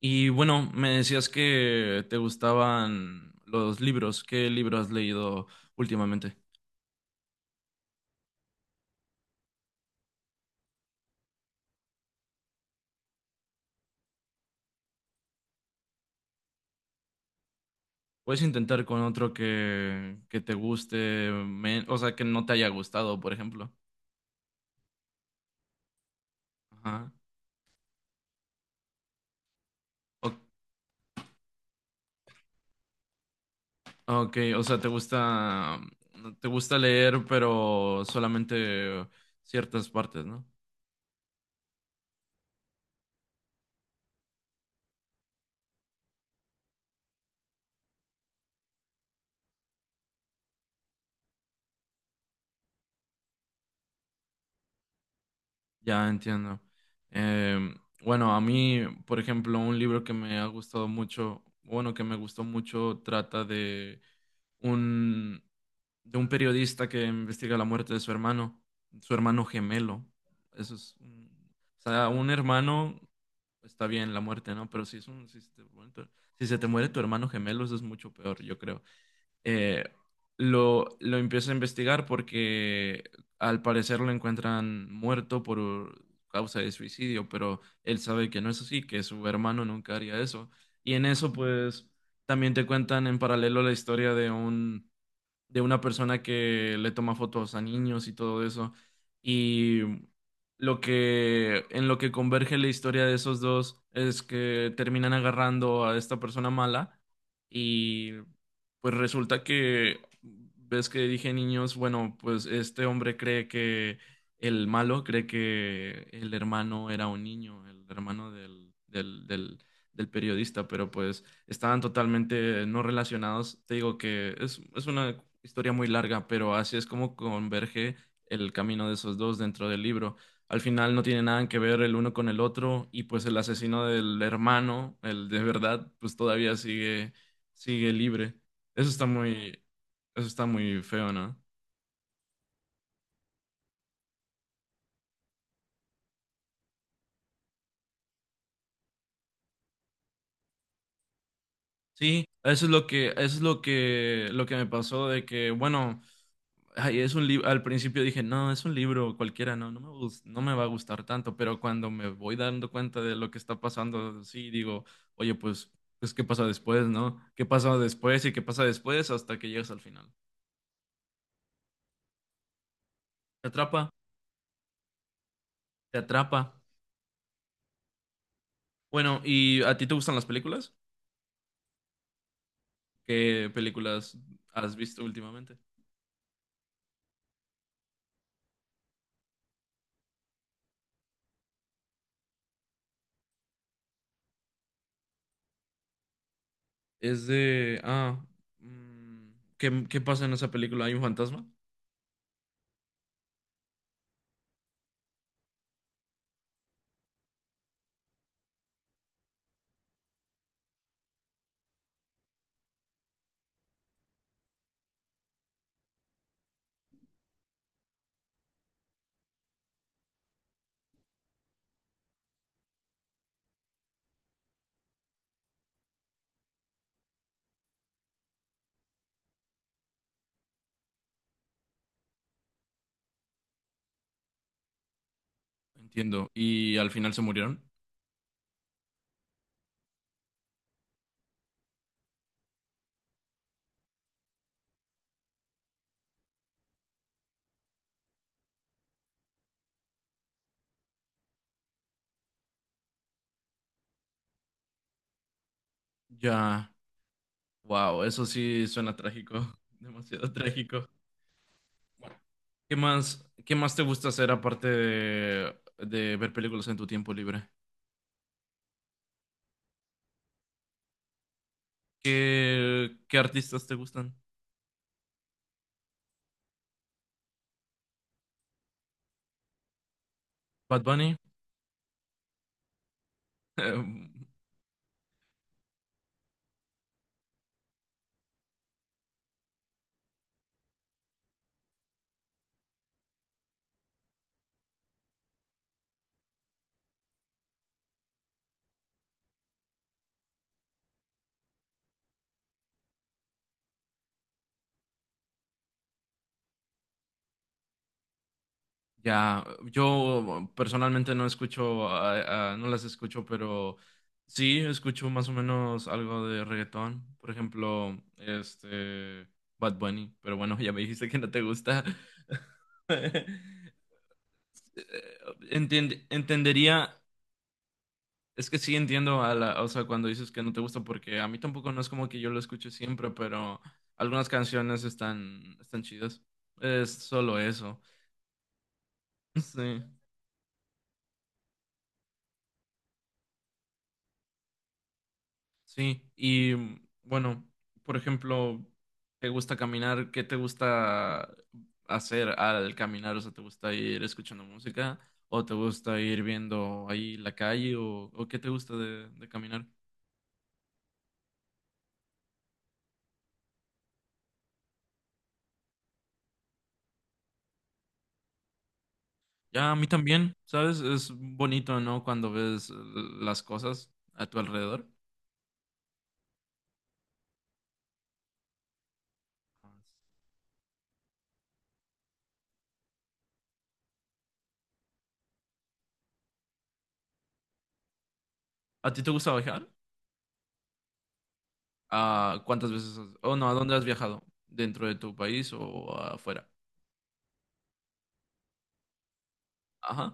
Y bueno, me decías que te gustaban los libros. ¿Qué libro has leído últimamente? Puedes intentar con otro que te guste, o sea, que no te haya gustado, por ejemplo. Ajá. O- ok, o sea, te gusta leer, pero solamente ciertas partes, ¿no? Ya entiendo. Em, bueno, a mí, por ejemplo, un libro que me ha gustado mucho, bueno, que me gustó mucho, trata un, de un periodista que investiga la muerte de su hermano gemelo. Eso es, un- o sea, un hermano está bien la muerte, ¿no? Pero si se te muere tu si se te muere tu hermano gemelo, eso es mucho peor, yo creo. eh, lo empieza a investigar porque al parecer lo encuentran muerto por causa de suicidio, pero él sabe que no es así, que su hermano nunca haría eso. Y en eso, pues, también te cuentan en paralelo la historia de un de una persona que le toma fotos a niños y todo eso. Y lo que, en lo que converge la historia de esos dos es que terminan agarrando a esta persona mala y pues resulta que, ves que dije niños, bueno, pues este hombre cree que el malo cree que el hermano era un niño, el hermano del periodista, pero pues estaban totalmente no relacionados. Te digo es una historia muy larga, pero así es como converge el camino de esos dos dentro del libro. Al final no tiene nada que ver el uno con el otro y pues el asesino del hermano, el de verdad, pues sigue libre. Eso está muy, Eso está muy feo, ¿no? Sí, eso es lo que, eso es lo que me pasó de que, bueno, ay, es un libro, al principio dije, no, es un libro cualquiera, no me va a gustar tanto, pero cuando me voy dando cuenta de lo que está pasando, sí, digo, oye, pues, pues, ¿qué pasa después, no? ¿Qué pasa después y qué pasa después hasta que llegas al final? Te atrapa, te atrapa. Bueno, ¿y a ti te gustan las películas? ¿Qué películas has visto últimamente? Es de, mm, ¿qué, qué pasa en esa película? ¿Hay un fantasma? Entiendo. ¿Y al final se murieron? Ya. Wow, eso sí suena trágico. Demasiado trágico. ¿Qué más te gusta hacer aparte de ver películas en tu tiempo libre? ¿Qué artistas te gustan? ¿Bad Bunny? Ya, yo personalmente no escucho, no las escucho, pero sí escucho más o menos algo de reggaetón. Por ejemplo, este Bad Bunny, pero bueno, ya me dijiste que no te gusta. Entendería, es que sí entiendo a la, o sea, cuando dices que no te gusta, porque a mí tampoco no es como que yo lo escuche siempre, pero algunas canciones están chidas. Es solo eso. Sí. Sí, y bueno, por ejemplo, ¿te gusta caminar? ¿Qué te gusta hacer al caminar? O sea, ¿te gusta ir escuchando música? ¿O te gusta ir viendo ahí la calle? ¿O qué te gusta de caminar? Ya, a mí también, ¿sabes? Es bonito, ¿no? Cuando ves las cosas a tu alrededor. ¿A ti te gusta viajar? ¿A cuántas veces? Has- O no, ¿a dónde has viajado? ¿Dentro de tu país o afuera? Ajá.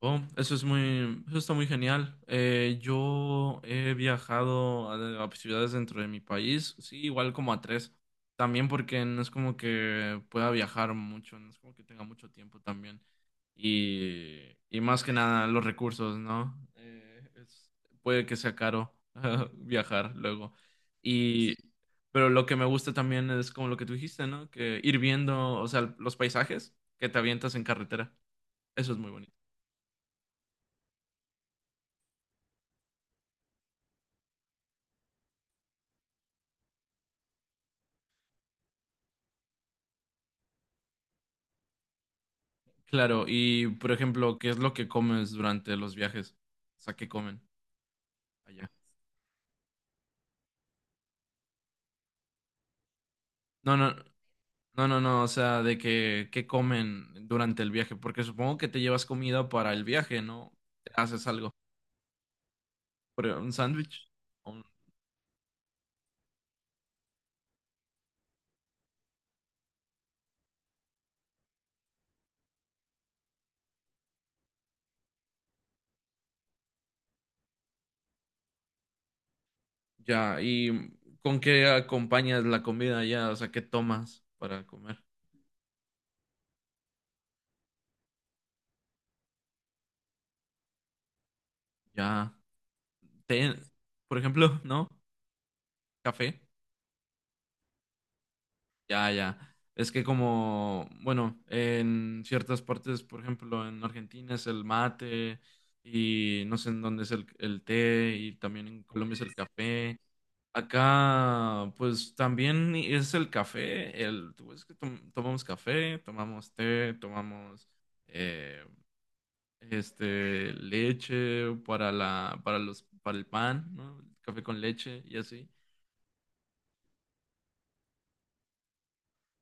Oh, eso es muy, eso está muy genial. Yo he viajado a ciudades dentro de mi país, sí, igual como a tres. También porque no es como que pueda viajar mucho, no es como que tenga mucho tiempo también. Y, y más que nada los recursos, ¿no? Puede que sea caro viajar luego. Y, pero lo que me gusta también es como lo que tú dijiste, ¿no? Que ir viendo, o sea, los paisajes que te avientas en carretera. Eso es muy bonito. Claro, y por ejemplo, ¿qué es lo que comes durante los viajes? O sea, ¿qué comen allá? No, no, no, no, no, o sea, de que, ¿qué comen durante el viaje? Porque supongo que te llevas comida para el viaje, ¿no? Te haces algo, por ejemplo, un sándwich. un- Ya, ¿y con qué acompañas la comida allá? O sea, ¿qué tomas para comer? Ya, té, por ejemplo, ¿no? Café. Ya, ya. Es que como, bueno, en ciertas partes, por ejemplo, en Argentina es el mate y no sé en dónde es el té y también en Colombia es el café. Acá, pues también es el café. El, pues, que tomamos café, tomamos té, tomamos eh, este leche para la, para los, para el pan, ¿no? Café con leche y así.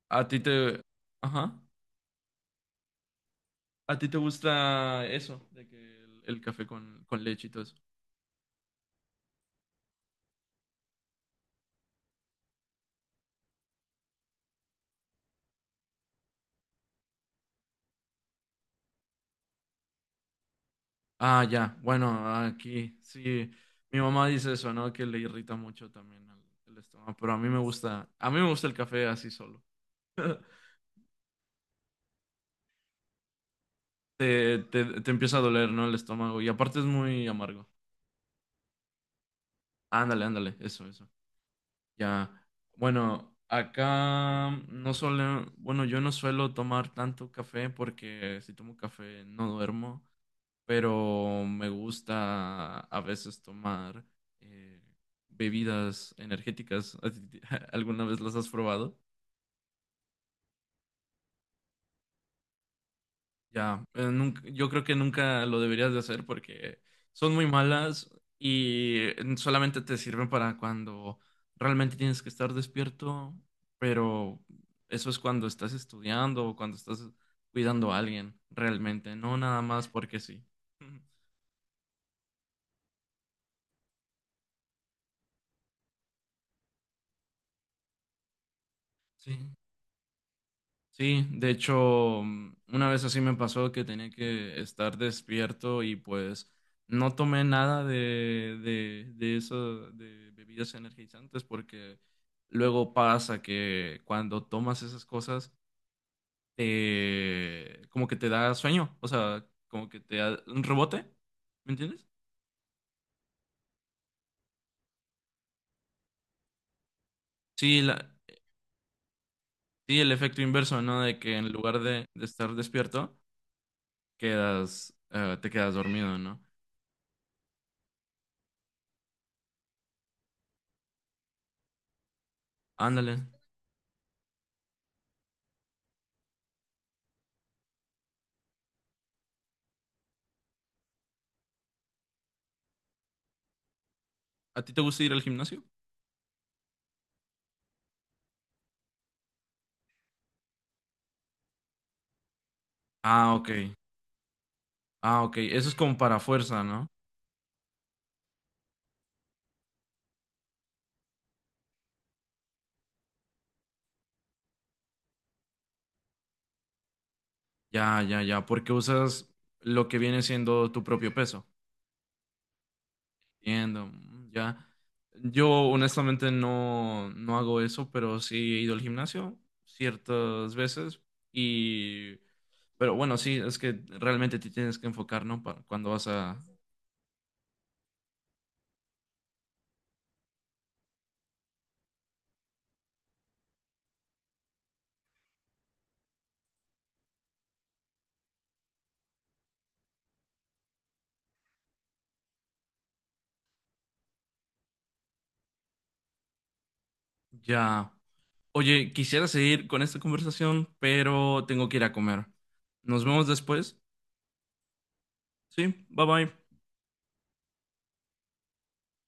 A ti te, ajá. ¿A ti te gusta eso? De que el café con leche y todo eso. Ah, ya. Bueno, aquí sí. Mi mamá dice eso, ¿no? Que le irrita mucho también el estómago. Pero a mí me gusta. A mí me gusta el café así solo. Te empieza a doler, ¿no? El estómago. Y aparte es muy amargo. Ándale, ándale. Eso, eso. Ya. Bueno, acá no suele. Bueno, yo no suelo tomar tanto café porque si tomo café no duermo. Pero me gusta a veces tomar eh, bebidas energéticas. ¿A ti- ¿Alguna vez las has probado? Ya, yo creo que nunca lo deberías de hacer porque son muy malas y solamente te sirven para cuando realmente tienes que estar despierto, pero eso es cuando estás estudiando o cuando estás cuidando a alguien realmente, no nada más porque sí. Sí. Sí, de hecho, una vez así me pasó que tenía que estar despierto y pues no tomé nada de eso, de bebidas energizantes, porque luego pasa que cuando tomas esas cosas, como que te da sueño, o sea, como que te da un rebote, ¿me entiendes? Sí, la, sí, el efecto inverso, ¿no? De que en lugar de estar despierto, te quedas dormido, ¿no? Ándale. ¿A ti te gusta ir al gimnasio? Ah, ok. Ah, ok. Eso es como para fuerza, ¿no? Ya, ya, ya. Porque usas lo que viene siendo tu propio peso. Entiendo. Ya. Yo honestamente no hago eso, pero sí he ido al gimnasio ciertas veces y... Pero bueno, sí, es que realmente te tienes que enfocar, ¿no? Para cuando vas a... Ya. Oye, quisiera seguir con esta conversación, pero tengo que ir a comer. Nos vemos después. Sí, bye bye.